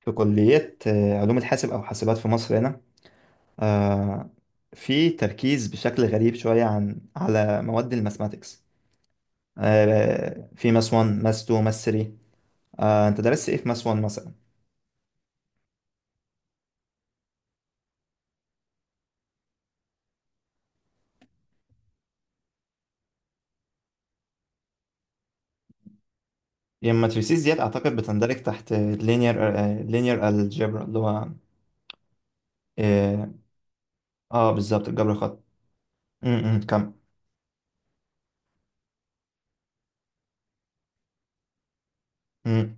في كلية علوم الحاسب أو حاسبات في مصر هنا. آه، في تركيز بشكل غريب شوية على مواد الماثماتكس. في ماس 1 ماس 2 ماس 3. أنت درست إيه في ماس 1 مثلا؟ هي الماتريسيز ديت أعتقد بتندرج تحت لينير الجبرا اللي هو آه بالظبط الجبر الخطي. م- م، كم. م-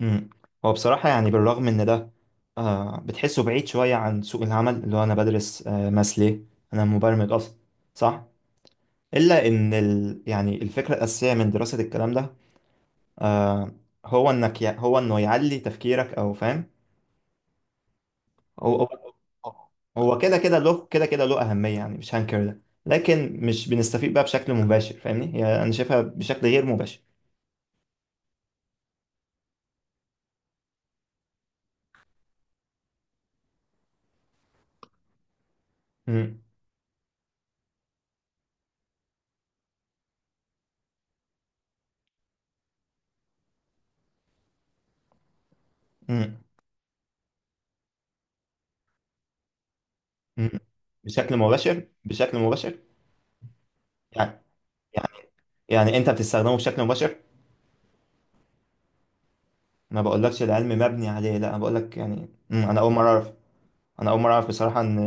م. هو بصراحة يعني بالرغم إن ده بتحسه بعيد شوية عن سوق العمل، اللي هو أنا بدرس ماس ليه. أنا مبرمج أصلا، صح؟ الا ان يعني الفكره الاساسيه من دراسه الكلام ده آه هو هو انه يعلي تفكيرك، او فاهم. هو هو كده كده له كده كده له اهميه، يعني مش هنكر ده، لكن مش بنستفيد بقى بشكل مباشر، فاهمني؟ يعني انا شايفها بشكل غير مباشر. مم. مم. مم. بشكل مباشر، بشكل مباشر. يعني يعني يعني انت بتستخدمه بشكل مباشر. ما بقولكش العلم مبني عليه، لا انا بقولك يعني مم. انا اول مره اعرف بصراحه ان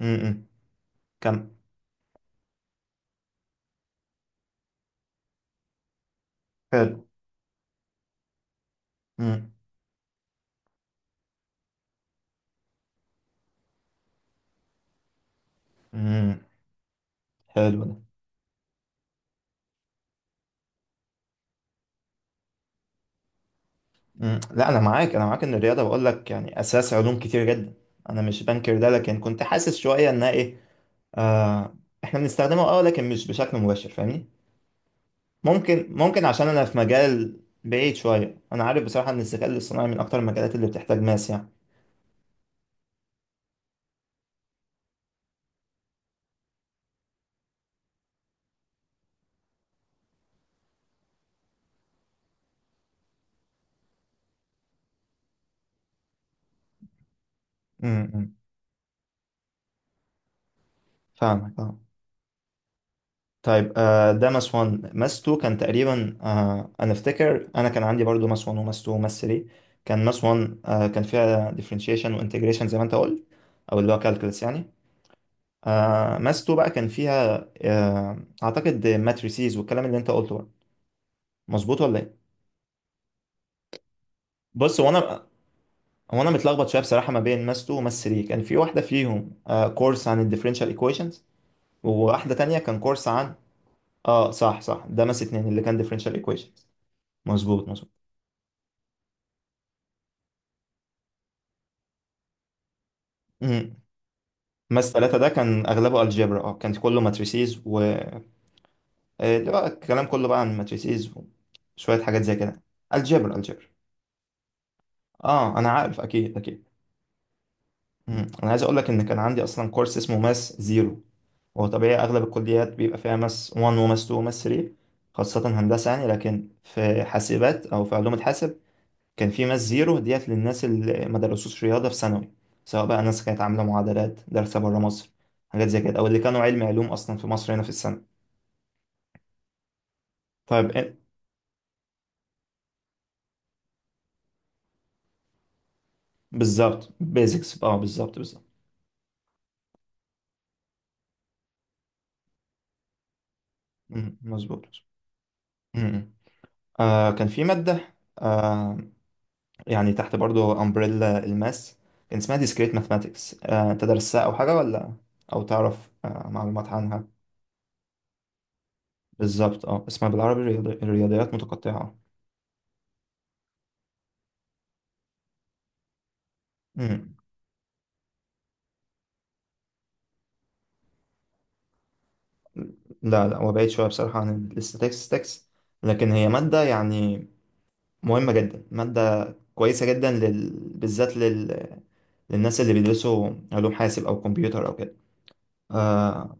مم. مم. كم حلو. مم. امم. حلو ده. مم. لا، انا معاك ان الرياضه، بقول لك يعني اساس علوم كتير جدا. انا مش بنكر ده، لكن كنت حاسس شويه انها ايه. آه احنا بنستخدمه اه، لكن مش بشكل مباشر، فاهمني. ممكن عشان انا في مجال بعيد شويه. انا عارف بصراحه ان الذكاء الاصطناعي من اكتر المجالات اللي بتحتاج ماس يعني. امم. فاهمك آه. طيب ده ماس 1 ماس 2 كان تقريبا، انا افتكر انا كان عندي برضو ماس 1 وماس 2 وماس 3. كان ماس 1 كان فيها differentiation وانتجريشن زي ما انت قلت، او اللي هو calculus يعني. ماس 2 بقى كان فيها اعتقد matrices والكلام اللي انت قلته بقى، مظبوط ولا ايه؟ بص، هو انا متلخبط شويه بصراحه ما بين ماس 2 وماس 3. كان في واحده فيهم كورس عن الديفرنشال equations، وواحده تانية كان كورس عن اه. صح صح، ده ماس 2 اللي كان differential equations، مظبوط مظبوط. مم. ماس 3 ده كان أغلبه الجبرا، اه كان كله ماتريسيز و اللي هو الكلام كله بقى عن ماتريسيز وشوية حاجات زي كده. الجبرا. اه، أنا عارف، أكيد أكيد. مم. أنا عايز أقول لك إن كان عندي أصلا كورس اسمه ماس زيرو. هو طبيعي أغلب الكليات بيبقى فيها ماس 1 وماس 2 وماس 3، خاصة هندسة يعني، لكن في حاسبات أو في علوم الحاسب كان في ماس زيرو ديت للناس اللي ما درسوش رياضة في ثانوي، سواء بقى ناس كانت عاملة معادلات دارسة بره مصر، حاجات زي كده، أو اللي كانوا علمي علوم أصلا في مصر هنا في السنة. طيب. بالظبط بيزكس اه، بالظبط بالظبط. مم، مظبوط. مم. كان في مادة آه يعني تحت برضو امبريلا الماس، كان اسمها discrete mathematics. انت درستها او حاجة ولا، او تعرف معلومات عنها؟ بالظبط، اه اسمها بالعربي الرياضيات متقطعة. مم. لا لا، هو بعيد شوية بصراحة عن الاستاتستكس، لكن هي مادة يعني مهمة جدا، مادة كويسة جدا بالذات للناس اللي بيدرسوا علوم حاسب أو كمبيوتر أو كده. آه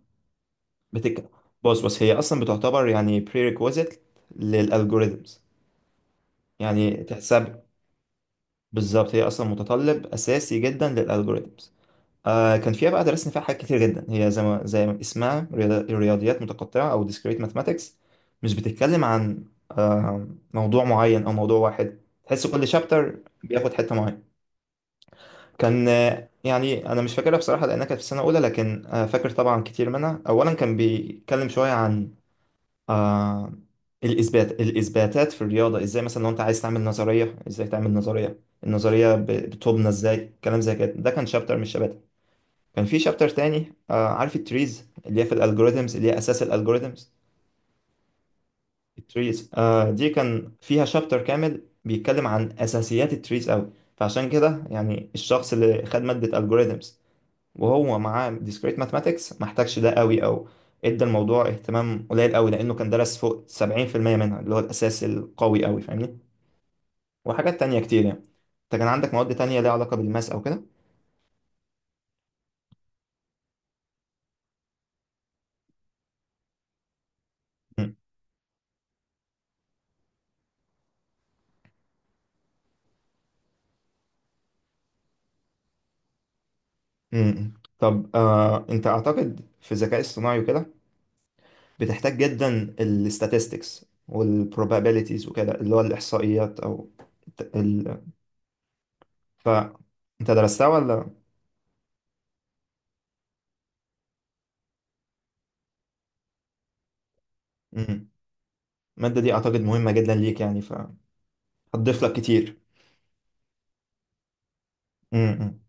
بتك بص بص، هي اصلا بتعتبر يعني prerequisite للالجوريزمز. يعني تحسب، بالظبط، هي اصلا متطلب اساسي جدا للالجوريزمز. كان فيها بقى درسنا فيها حاجات كتير جدا. هي زي ما اسمها رياضيات متقطعه او discrete mathematics، مش بتتكلم عن آه موضوع معين او موضوع واحد. تحس كل شابتر بياخد حته معينه. كان يعني انا مش فاكرها بصراحه لانها كانت في السنه الاولى، لكن فاكر طبعا كتير منها. اولا كان بيتكلم شويه عن آه الإثباتات في الرياضة، إزاي مثلا لو أنت عايز تعمل نظرية، إزاي تعمل النظرية، بتبنى إزاي، كلام زي كده. ده كان شابتر من الشباتر. كان في شابتر تاني عارف التريز اللي هي في الألجوريزمز اللي هي أساس الألجوريزمز. التريز دي كان فيها شابتر كامل بيتكلم عن أساسيات التريز أوي. فعشان كده يعني الشخص اللي خد مادة ألجوريزمز وهو معاه discrete mathematics ما احتاجش ده قوي، او ادى الموضوع اهتمام قليل قوي، لانه كان درس فوق 70% منها اللي هو الاساس القوي قوي، فاهمني. وحاجات تانية كتير يعني. انت كان عندك مواد تانية ليها علاقة بالماس او كده؟ مم. مم. طب انت اعتقد في الذكاء الصناعي وكده بتحتاج جدا الستاتستكس والبروبابيليتيز وكده، اللي هو الاحصائيات او الت- ال... ف انت درستها ولا؟ مم. المادة دي اعتقد مهمة جدا ليك يعني، فهتضيف لك كتير. مم.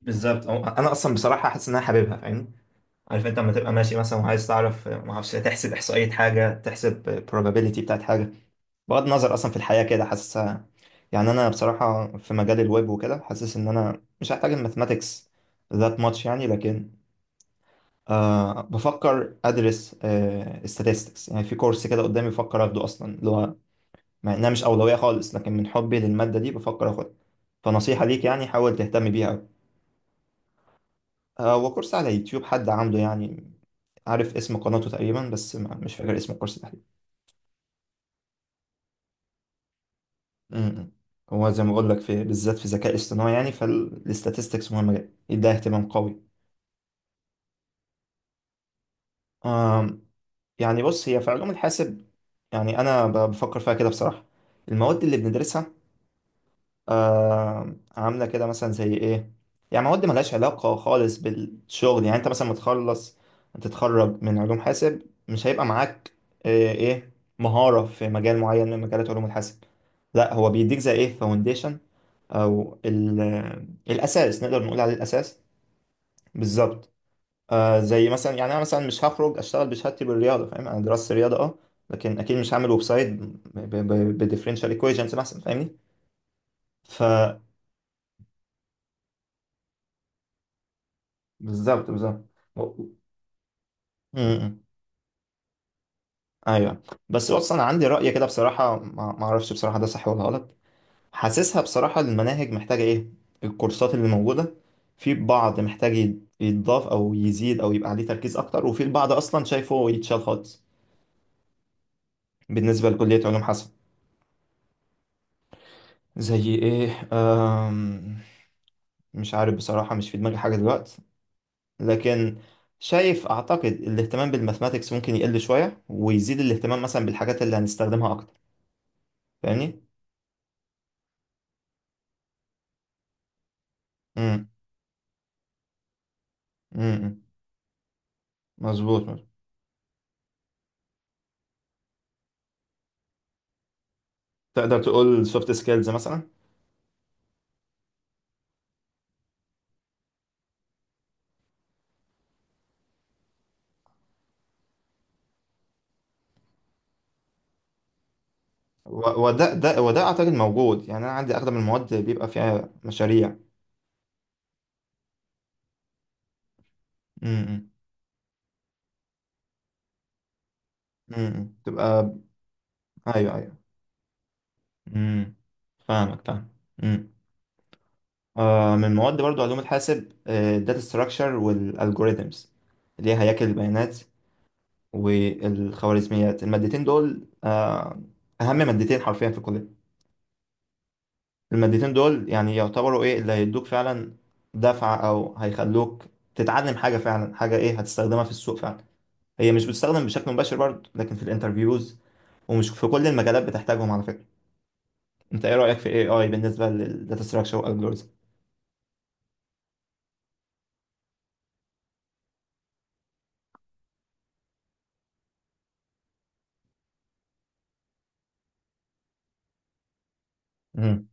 بالظبط، انا اصلا بصراحه حاسس ان انا حاببها، فاهم. عارف انت لما تبقى ماشي مثلا وعايز تعرف ما اعرفش تحسب احصائيه حاجه، تحسب probability بتاعت حاجه، بغض النظر اصلا في الحياه كده حاسسها. يعني انا بصراحه في مجال الويب وكده حاسس ان انا مش هحتاج الماثماتكس ذات ماتش يعني، لكن بفكر ادرس statistics يعني، في كورس كده قدامي بفكر اخده اصلا، اللي هو مع انها مش اولويه خالص، لكن من حبي للماده دي بفكر اخدها. فنصيحه ليك يعني حاول تهتم بيها. هو كورس على يوتيوب حد عامله يعني، عارف اسم قناته تقريبا، بس مش فاكر اسم الكورس تحديدا. م-م. هو زي ما بقول لك، في بالذات في ذكاء اصطناعي يعني، فالاستاتستكس مهمة جدا، يديها اهتمام قوي. آم، يعني بص هي في علوم الحاسب، يعني انا بفكر فيها كده بصراحة. المواد اللي بندرسها عامله كده مثلا زي ايه، يعني مواد ملهاش علاقه خالص بالشغل. يعني انت مثلا متخلص تتخرج من علوم حاسب، مش هيبقى معاك ايه مهاره في مجال معين من مجالات علوم الحاسب. لا هو بيديك زي ايه فاونديشن، او الاساس، نقدر نقول عليه الاساس. بالظبط. زي مثلا يعني انا مثلا مش هخرج اشتغل بشهادتي بالرياضه، فاهم. انا درست رياضه اه، لكن اكيد مش هعمل ويب سايت بديفرنشال ايكويشنز مثلا، فاهمني. بالظبط بالظبط. امم. ايوه. بس بص انا عندي رأي كده بصراحة، ما اعرفش بصراحة ده صح ولا غلط. حاسسها بصراحة المناهج محتاجة ايه، الكورسات اللي موجودة في بعض محتاج يتضاف او يزيد او يبقى عليه تركيز اكتر، وفي البعض اصلا شايفه يتشال خالص. بالنسبة لكلية علوم حاسب، زي ايه مش عارف بصراحة، مش في دماغي حاجة دلوقتي، لكن شايف اعتقد الاهتمام بالماثماتكس ممكن يقل شوية ويزيد الاهتمام مثلا بالحاجات اللي هنستخدمها اكتر، فاهمني. امم. امم. امم. مظبوط مظبوط. تقدر تقول سوفت سكيلز مثلا. وده اعتقد موجود، يعني انا عندي اغلب المواد بيبقى فيها مشاريع. امم. امم. تبقى، ايوه ايوه. امم. فاهمك، فاهم. امم. من مواد برضو علوم الحاسب الداتا ستراكشر والالجوريثمز، اللي هي هياكل البيانات والخوارزميات. المادتين دول اهم مادتين حرفيا في الكليه. المادتين دول يعني يعتبروا ايه اللي هيدوك فعلا دفعة، او هيخلوك تتعلم حاجة فعلا، حاجة ايه هتستخدمها في السوق فعلا. هي مش بتستخدم بشكل مباشر برضه، لكن في الانترفيوز. ومش في كل المجالات بتحتاجهم على فكرة. انت ايه رأيك في الاي اي بالنسبة للداتا ستراكشر والالجوريزم؟ امم.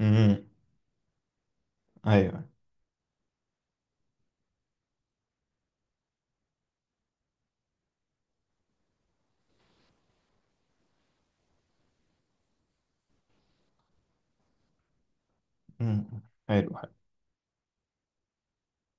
امم. ايوه. امم. حلو حلو.